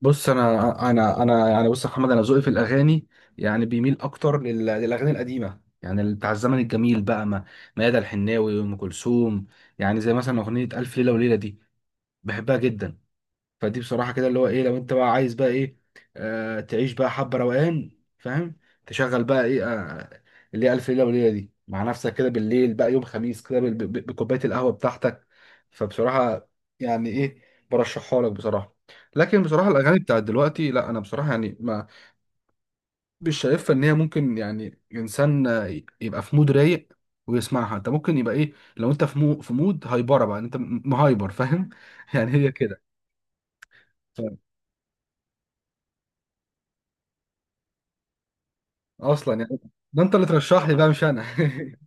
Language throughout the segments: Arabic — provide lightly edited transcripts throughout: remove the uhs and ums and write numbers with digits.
بص انا يعني، يا محمد، انا ذوقي في الاغاني، يعني بيميل اكتر للاغاني القديمه، يعني بتاع الزمن الجميل بقى، ما ميادة الحناوي وام كلثوم. يعني زي مثلا اغنيه الف ليله وليله دي، بحبها جدا. فدي بصراحة كده اللي هو ايه، لو انت بقى عايز بقى ايه، تعيش بقى حبة روقان، فاهم، تشغل بقى ايه، اللي هي ألف ليلة وليلة دي، مع نفسك كده بالليل بقى يوم خميس كده بكوباية القهوة بتاعتك. فبصراحة يعني ايه، برشحها لك بصراحة. لكن بصراحة الأغاني بتاعت دلوقتي، لا أنا بصراحة يعني ما، مش شايفها إن هي ممكن، يعني إنسان يبقى في مود رايق ويسمعها. أنت ممكن يبقى إيه، لو أنت في مود هايبرة بقى، أنت مهايبر، فاهم. يعني هي كده. اصلا يعني ده انت اللي ترشح لي بقى مش انا.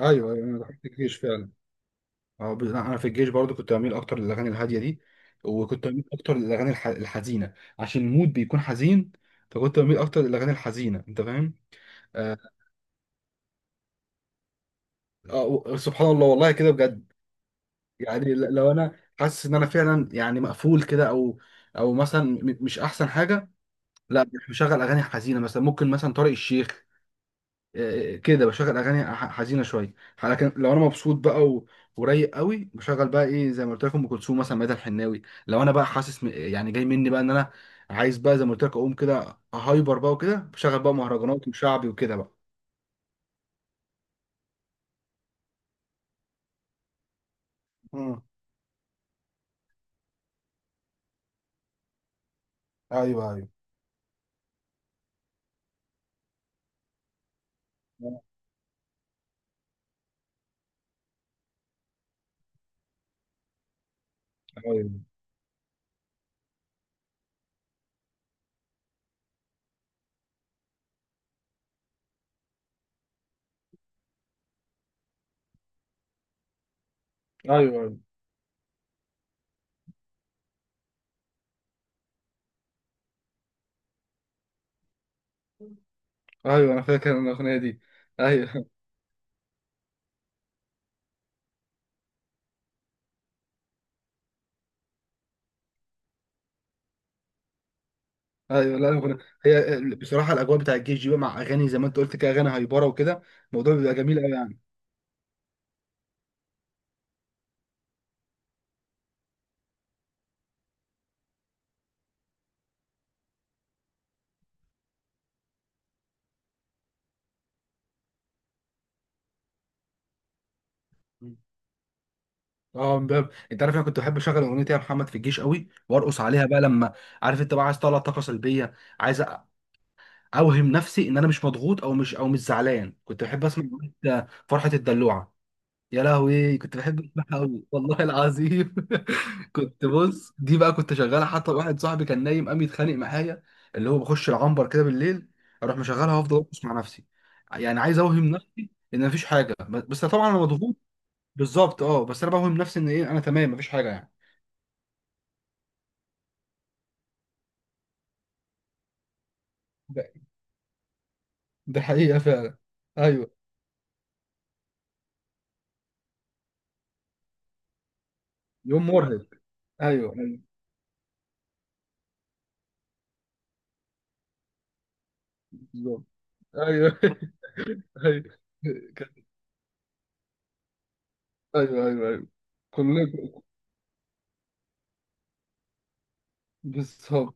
ايوه ايوه، انا دخلت الجيش فعلا. أه انا في الجيش برضو كنت بميل اكتر للاغاني الهاديه دي، وكنت بميل اكتر للاغاني الحزينه عشان المود بيكون حزين، فكنت بميل اكتر للاغاني الحزينه، انت فاهم. آه... سبحان الله، والله كده بجد. يعني لو انا حاسس ان انا فعلا يعني مقفول كده، او او مثلا مش احسن حاجه، لا مش مشغل اغاني حزينه، مثلا ممكن مثلا طارق الشيخ كده بشغل اغاني حزينه شويه. لكن لو انا مبسوط بقى، و، ورايق قوي بشغل بقى ايه زي ما قلت لكم، ام كلثوم مثلا، ميادة الحناوي. لو انا بقى حاسس يعني جاي مني بقى ان انا عايز بقى زي ما قلت لك اقوم كده هايبر بقى، وكده بشغل بقى مهرجانات وشعبي وكده بقى. مم. ايوه ايوه ايوه ايوه ايوه ايوه، انا فاكر أنا الاغنيه دي، ايوه ايوه. لا الأغنية- هي بصراحه الاجواء بتاع الجيش دي بقى مع اغاني زي ما انت قلت كده، اغاني هايبره وكده، الموضوع بيبقى جميل قوي. يعني اه امبابة، انت عارف انا كنت بحب اشغل اغنيه يا محمد في الجيش قوي وارقص عليها بقى لما، عارف انت بقى عايز تطلع طاقه سلبيه، عايز اوهم نفسي ان انا مش مضغوط، او مش او مش زعلان. كنت بحب اسمع أغنية فرحه الدلوعه. يا لهوي، كنت بحب اسمعها قوي والله العظيم. كنت بص دي بقى كنت شغالها، حتى واحد صاحبي كان نايم قام يتخانق معايا، اللي هو بخش العنبر كده بالليل، اروح مشغلها وافضل ارقص مع نفسي. يعني عايز اوهم نفسي ان مفيش حاجه، بس طبعا انا مضغوط. بالظبط اه، بس انا بوهم نفسي ان ايه، انا تمام مفيش حاجه يعني. ده, ده حقيقة فعلا. ايوه، يوم مرهق، ايوه ايوه، بالظبط، ايوه ايوه. كان- ايوه ايوه ايوه، كلكم، بالظبط.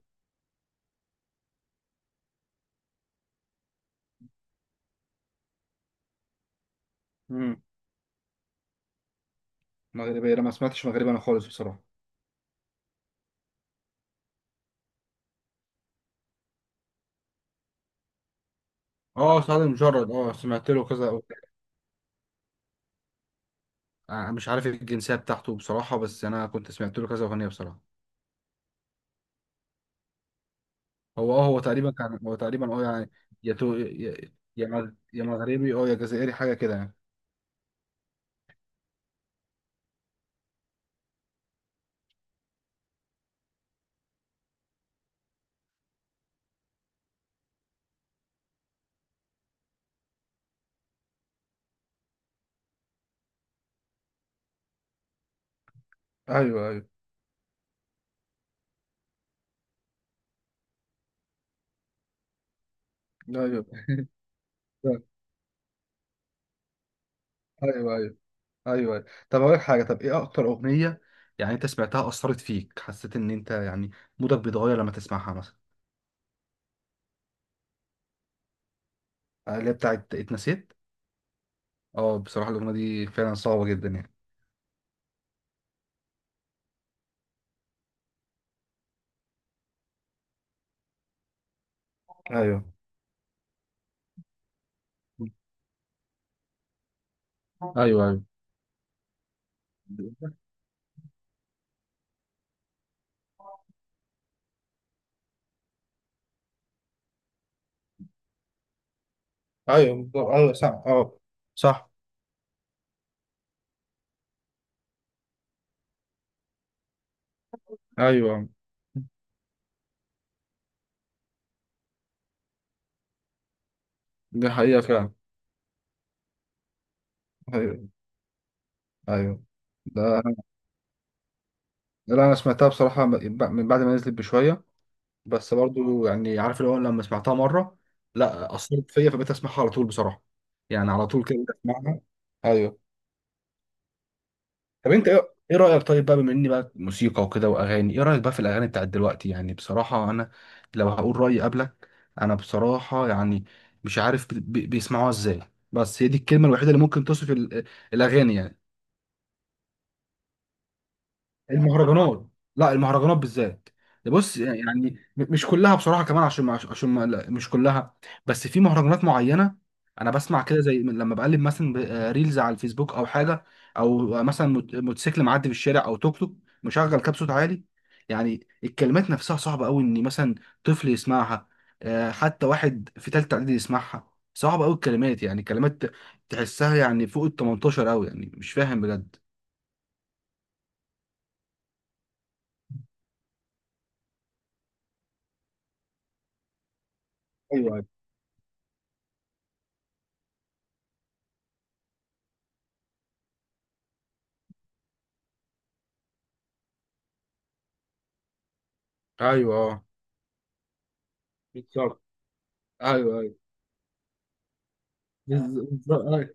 امم. مغربية، انا ما سمعتش مغربي انا خالص بصراحة. اه سعد المجرد، اه سمعت له كذا. أنا مش عارف الجنسية بتاعته بصراحة، بس أنا كنت سمعت له كذا أغنية بصراحة. هو تقريبا كان هو تقريبا يعني، يا تو- يا يا مغ- يا مغربي، اه يا جزائري، حاجة كده يعني. ايوه ايوه ايوه ايوه ايوه ايوه. طب اقول لك حاجه، طب ايه اكتر اغنيه يعني انت سمعتها، اثرت فيك، حسيت ان انت يعني مودك بيتغير لما تسمعها مثلا. اللي هي بتاعت اتنسيت. اه بصراحه الاغنيه دي فعلا صعبه جدا يعني. ايوه ايوه ايوه ايوه بالظبط. ايوه صح اه. صح، ايوه. دي حقيقه فعلا. ايوه ايوه. ده لا انا سمعتها بصراحه من بعد ما نزلت بشويه، بس برضو يعني عارف اللي هو لما سمعتها مره، لا اثرت فيا فبقيت اسمعها على طول بصراحه، يعني على طول كده اسمعها. ايوه. طب انت ايه، إيه رايك، طيب بقى بما اني بقى موسيقى وكده واغاني، ايه رايك بقى في الاغاني بتاعت دلوقتي، يعني بصراحه انا، لو هقول رايي قبلك، انا بصراحه يعني مش عارف بيسمعوها ازاي، بس هي دي الكلمه الوحيده اللي ممكن توصف الاغاني يعني، المهرجانات، لا المهرجانات بالذات. ده بص يعني مش كلها بصراحه كمان، عشان لا، مش كلها، بس في مهرجانات معينه. انا بسمع كده زي لما بقلب مثلا ريلز على الفيسبوك او حاجه، او مثلا موتوسيكل معدي في الشارع، او توك توك مشغل كاب صوت عالي. يعني الكلمات نفسها صعبه قوي ان مثلا طفل يسمعها، حتى واحد في تالتة اعدادي يسمعها، صعبه قوي الكلمات، يعني كلمات تحسها يعني فوق ال 18 قوي، يعني مش فاهم بجد. ايوه ايوه ايوه اه، بالظبط، ايوه ايوه. بز- ايوه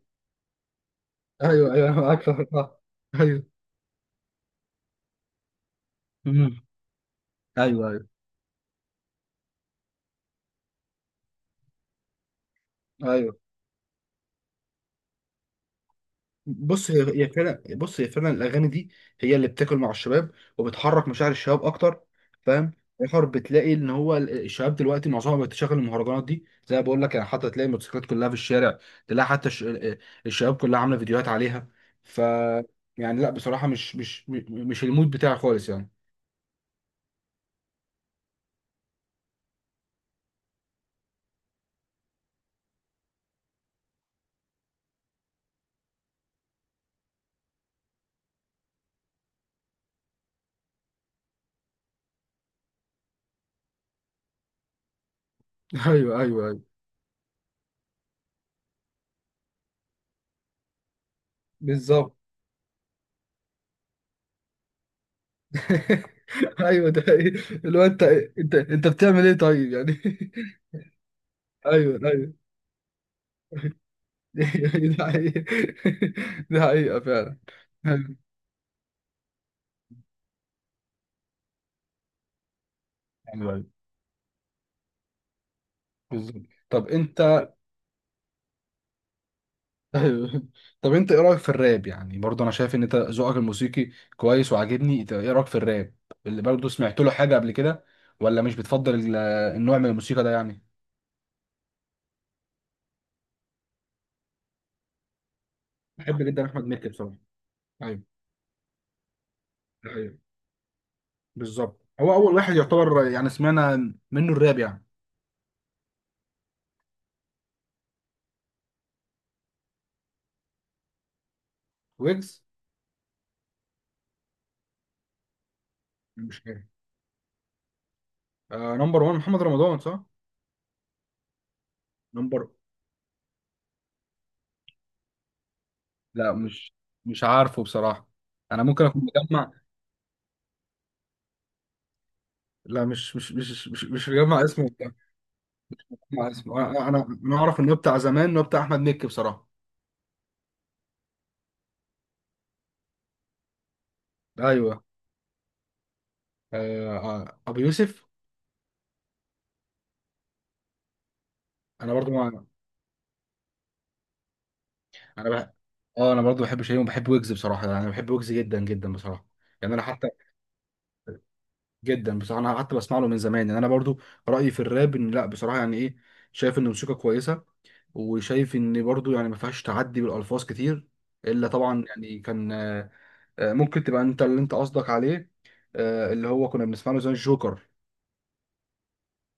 ايوه ايوه، أنا معاك في الحوار. ايوه. أمم. ايوه ايوه ايوه. بص هي هي فعلا بص هي فعلا الاغاني دي هي اللي بتاكل مع الشباب، وبتحرك مشاعر الشباب اكتر، فاهم. اخر بتلاقي ان هو الشباب دلوقتي معظمهم بتشغل المهرجانات دي زي ما بقول لك يعني، حتى تلاقي الموتوسيكلات كلها في الشارع، تلاقي حتى الشباب كلها عامله فيديوهات عليها. ف يعني لا بصراحه مش المود بتاعي خالص يعني. ايوه ايوه ايوه، بالظبط. ايوه، ده حقيقي. اللي هو انت بتعمل ايه طيب يعني. ايوه ايوه ده حقيقة. ده حقيقة فعلا. ايوه ايوه، بالظبط. طب انت ايوه، طب انت ايه رايك في الراب، يعني برضه انا شايف ان انت ذوقك الموسيقي كويس وعاجبني، انت ايه رايك في الراب اللي برضه سمعت له حاجه قبل كده، ولا مش بتفضل النوع من الموسيقى ده يعني. بحب جدا احمد مكي بصراحه. ايوه، ده حقيقة. بالظبط، هو اول واحد يعتبر يعني سمعنا منه الراب يعني. ويجز، مش عارف. آه نمبر 1 محمد رمضان صح؟ نمبر لا، مش مش عارفه بصراحة. أنا ممكن أكون مجمع. لا مش مجمع اسمه، أنا أعرف إنه بتاع زمان إنه بتاع أحمد مكي بصراحة. أيوه، آه أبو يوسف. أنا برضو مع. أنا بح. أنا برضو بحب شيء، وبحب ويجز بصراحة يعني، أنا بحب ويجز جدا جدا بصراحة. يعني أنا حتى جدا بصراحة، أنا حتى بسمع له من زمان يعني، أنا برضو رأيي في الراب إن لا بصراحة يعني إيه، شايف إن موسيقى كويسة وشايف ان برضو يعني ما فيهاش تعدي بالالفاظ كتير، الا طبعا يعني كان ممكن تبقى انت اللي انت قصدك عليه، اللي هو كنا بنسمع له زي الجوكر.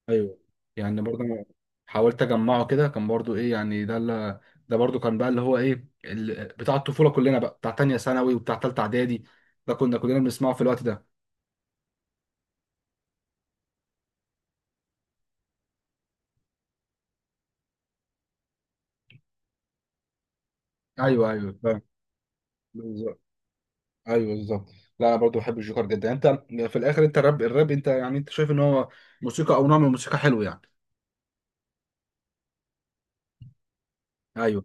ايوه. يعني برضو أنا حاولت اجمعه كده، كان برضو ايه يعني ده اللي، ده برضو كان بقى اللي هو ايه بتاع الطفوله كلنا بقى، بتاع تانية ثانوي وبتاع تالتة اعدادي، ده كنا كلنا بنسمعه في الوقت ده. ايوه ايوه، فاهم، بالظبط، ايوه بالظبط. لا انا برضو بحب الجوكر جدا. انت في الاخر انت الراب انت يعني انت شايف ان هو موسيقى او نوع من الموسيقى حلو يعني. ايوه،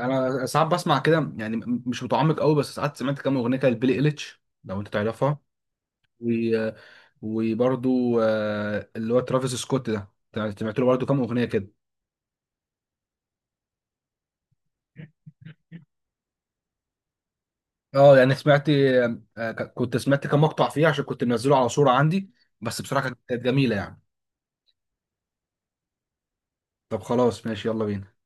انا ساعات بسمع كده يعني مش متعمق قوي، بس ساعات سمعت كام اغنيه كده لبيلي إيليتش لو انت تعرفها. و، وبرضو اللي هو ترافيس سكوت ده سمعت له برضو كام اغنيه كده. اه يعني سمعت كنت سمعت كام مقطع فيه عشان كنت منزله على صوره عندي، بس بصراحه كانت جميله يعني. طب خلاص ماشي، يلا بينا.